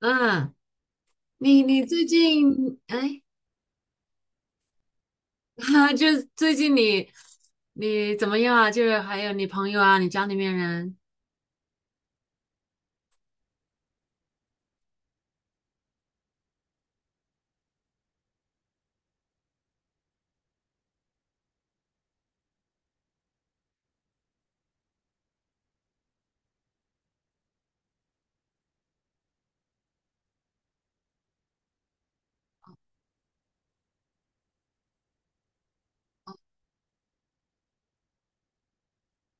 嗯，你最近哎，哈，就是最近你怎么样啊？就是还有你朋友啊，你家里面人。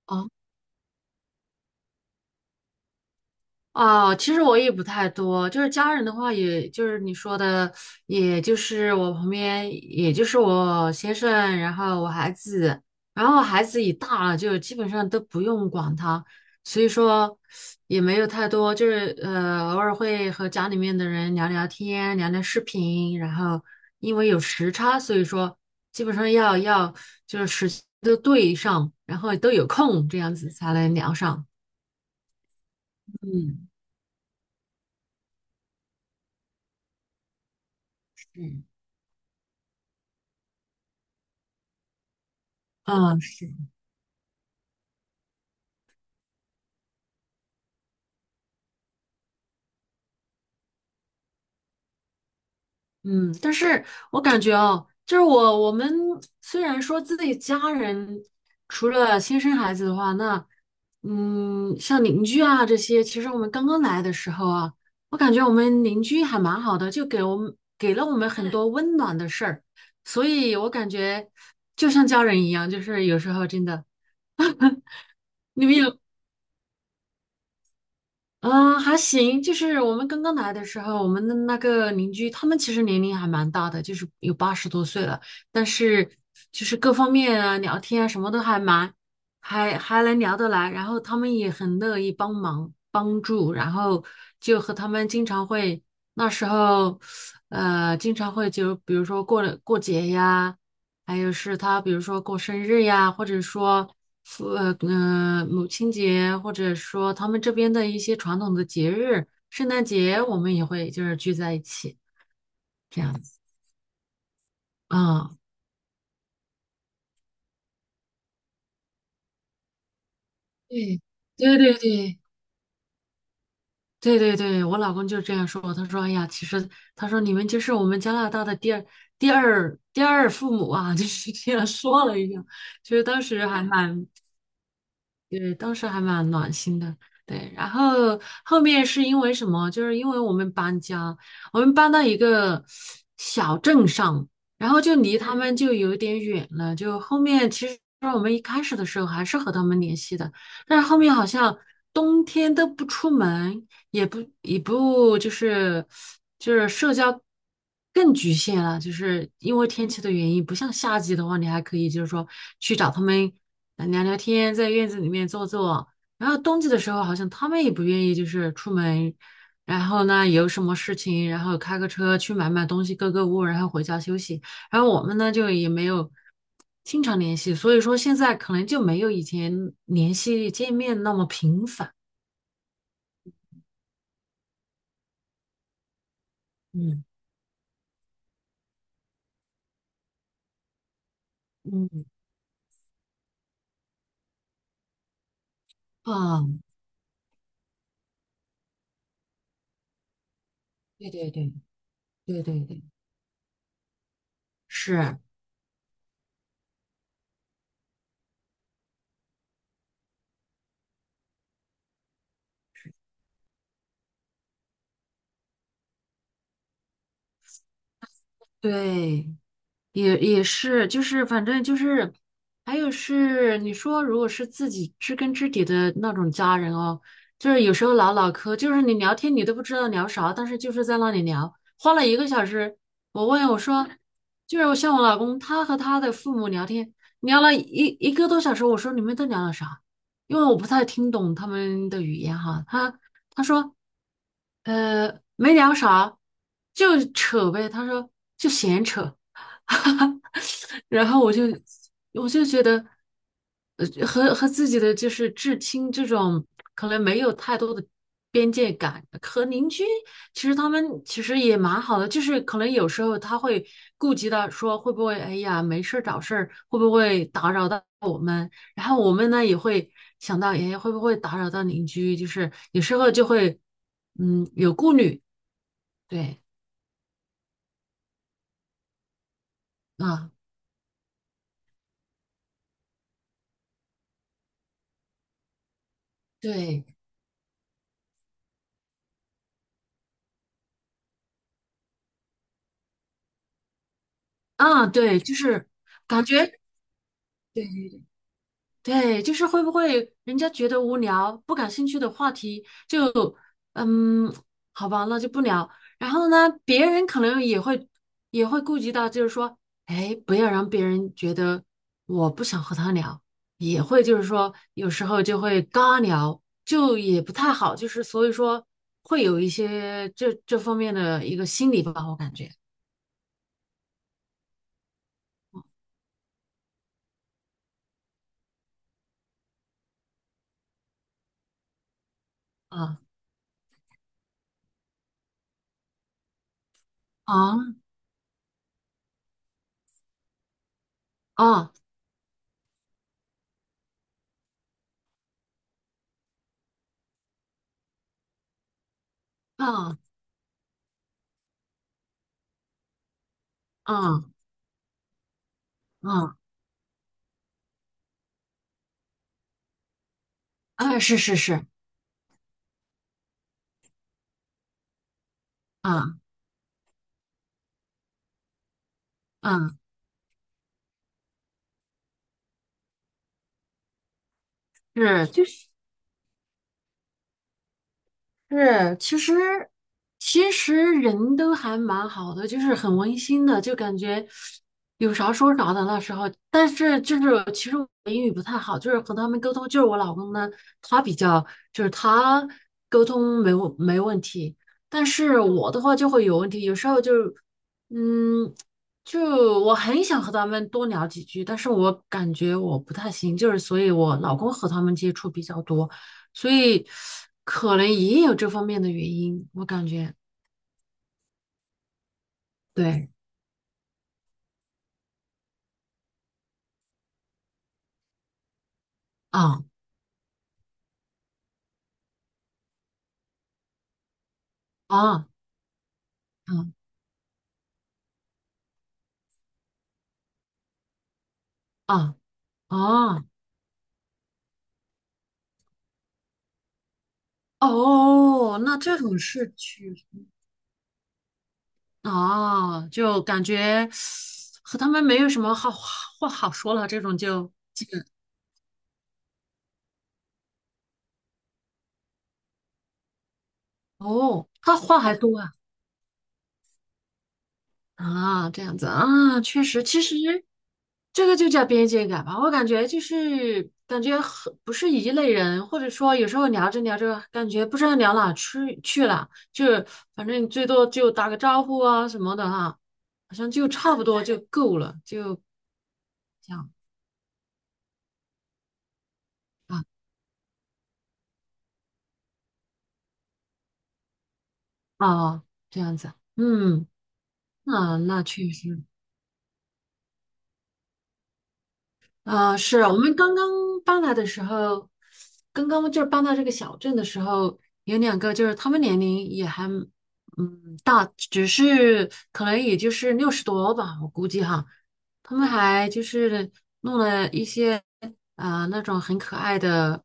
哦。哦，其实我也不太多，就是家人的话，也就是你说的，也就是我旁边，也就是我先生，然后我孩子，然后孩子也大了，就基本上都不用管他，所以说也没有太多，就是偶尔会和家里面的人聊聊天，聊聊视频，然后因为有时差，所以说基本上要就是时间都对上，然后都有空，这样子才能聊上。嗯。嗯，嗯，嗯，但是我感觉哦，就是我们虽然说自己家人除了亲生孩子的话，那像邻居啊这些，其实我们刚刚来的时候啊，我感觉我们邻居还蛮好的，就给了我们很多温暖的事儿，所以我感觉就像家人一样，就是有时候真的。你们有嗯，还行，就是我们刚刚来的时候，我们的那个邻居，他们其实年龄还蛮大的，就是有80多岁了，但是就是各方面啊，聊天啊，什么都还蛮，还能聊得来，然后他们也很乐意帮忙帮助，然后就和他们经常会，那时候，经常会就比如说过节呀。还有是他比如说过生日呀，或者说母亲节，或者说他们这边的一些传统的节日，圣诞节我们也会就是聚在一起，这样子啊。对对对对对对对，我老公就这样说，他说哎呀，其实他说你们就是我们加拿大的第二父母啊，就是这样说了一下。其实当时还蛮，对，当时还蛮暖心的。对，然后后面是因为什么？就是因为我们搬家，我们搬到一个小镇上，然后就离他们就有点远了。就后面其实我们一开始的时候还是和他们联系的，但是后面好像冬天都不出门，也不也不就是社交更局限了，就是因为天气的原因，不像夏季的话，你还可以就是说去找他们聊聊天，在院子里面坐坐。然后冬季的时候，好像他们也不愿意就是出门，然后呢有什么事情，然后开个车去买买东西、购物，然后回家休息。然后我们呢就也没有经常联系，所以说现在可能就没有以前联系见面那么频繁。嗯嗯。啊，对对对对对对，是，对，也是，就是反正就是，还有是你说，如果是自己知根知底的那种家人哦，就是有时候唠唠嗑，就是你聊天你都不知道聊啥，但是就是在那里聊，花了1个小时。我问我说，就是我，像我老公，他和他的父母聊天，聊了一个多小时，我说你们都聊了啥？因为我不太听懂他们的语言哈，他说。没聊啥，就扯呗。他说就闲扯。然后我就觉得，和自己的就是至亲这种可能没有太多的边界感，和邻居其实他们其实也蛮好的，就是可能有时候他会顾及到说会不会哎呀没事儿找事儿，会不会打扰到我们，然后我们呢也会想到，哎会不会打扰到邻居，就是有时候就会有顾虑。对啊对啊对，就是感觉。对对，就是会不会人家觉得无聊、不感兴趣的话题就，嗯，好吧，那就不聊。然后呢，别人可能也会顾及到，就是说，哎，不要让别人觉得我不想和他聊，也会就是说，有时候就会尬聊，就也不太好，就是所以说会有一些这方面的一个心理吧，我感觉。啊啊啊啊啊啊，哎，是是是，啊啊。是，就是其实其实人都还蛮好的，就是很温馨的，就感觉有啥说啥的那时候。但是就是其实我英语不太好，就是和他们沟通，就是我老公呢，他比较就是他沟通没问题，但是我的话就会有问题，有时候嗯，就我很想和他们多聊几句，但是我感觉我不太行，就是所以我老公和他们接触比较多。所以可能也有这方面的原因，我感觉。对啊啊啊啊啊。哦，那这种事情啊，就感觉和他们没有什么好话好说了，这种就。哦，他话还多啊。啊，这样子啊，确实，其实这个就叫边界感吧。我感觉就是感觉很不是一类人，或者说有时候聊着聊着，感觉不知道聊哪去了，就是反正最多就打个招呼啊什么的哈，好像就差不多就够了，就这样。啊啊。这样子，嗯，那确实。啊，是我们刚刚搬来的时候，刚刚就是搬到这个小镇的时候，有2个就是他们年龄也还大，只是可能也就是60多吧，我估计哈，他们还就是弄了一些那种很可爱的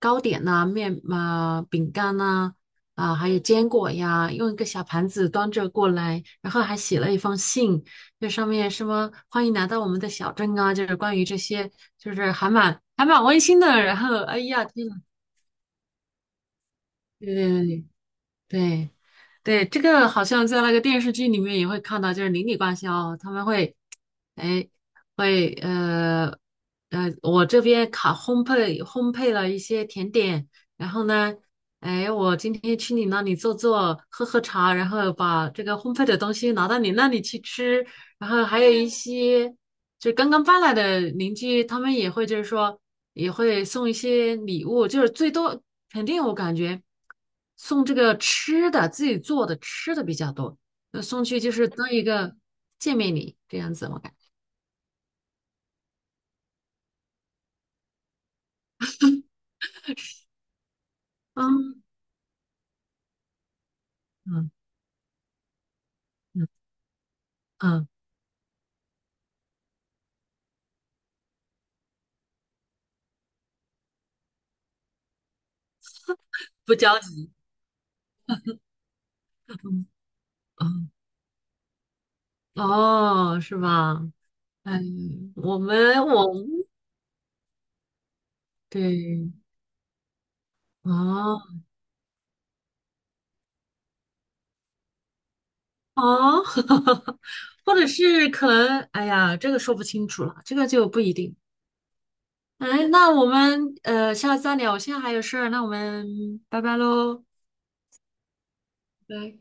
糕点呐、面啊、饼干呐、啊，还有坚果呀，用一个小盘子端着过来，然后还写了一封信，这上面什么欢迎来到我们的小镇啊，就是关于这些，就是还蛮温馨的。然后，哎呀，天呐。对对对对。对，对，这个好像在那个电视剧里面也会看到，就是邻里关系哦，他们会，哎，会我这边烤烘焙烘焙了一些甜点，然后呢，哎，我今天去你那里坐坐，喝喝茶，然后把这个烘焙的东西拿到你那里去吃，然后还有一些就是刚刚搬来的邻居，他们也会就是说。也会送一些礼物，就是最多肯定我感觉送这个吃的，自己做的吃的比较多，那送去就是当一个见面礼这样子，我感觉。嗯嗯嗯嗯，不着急，嗯。哦，是吧？哎，我们我 对。哦哦。或者是可能，哎呀，这个说不清楚了，这个就不一定。哎，那我们下次再聊，我现在还有事儿，那我们拜拜喽。拜拜。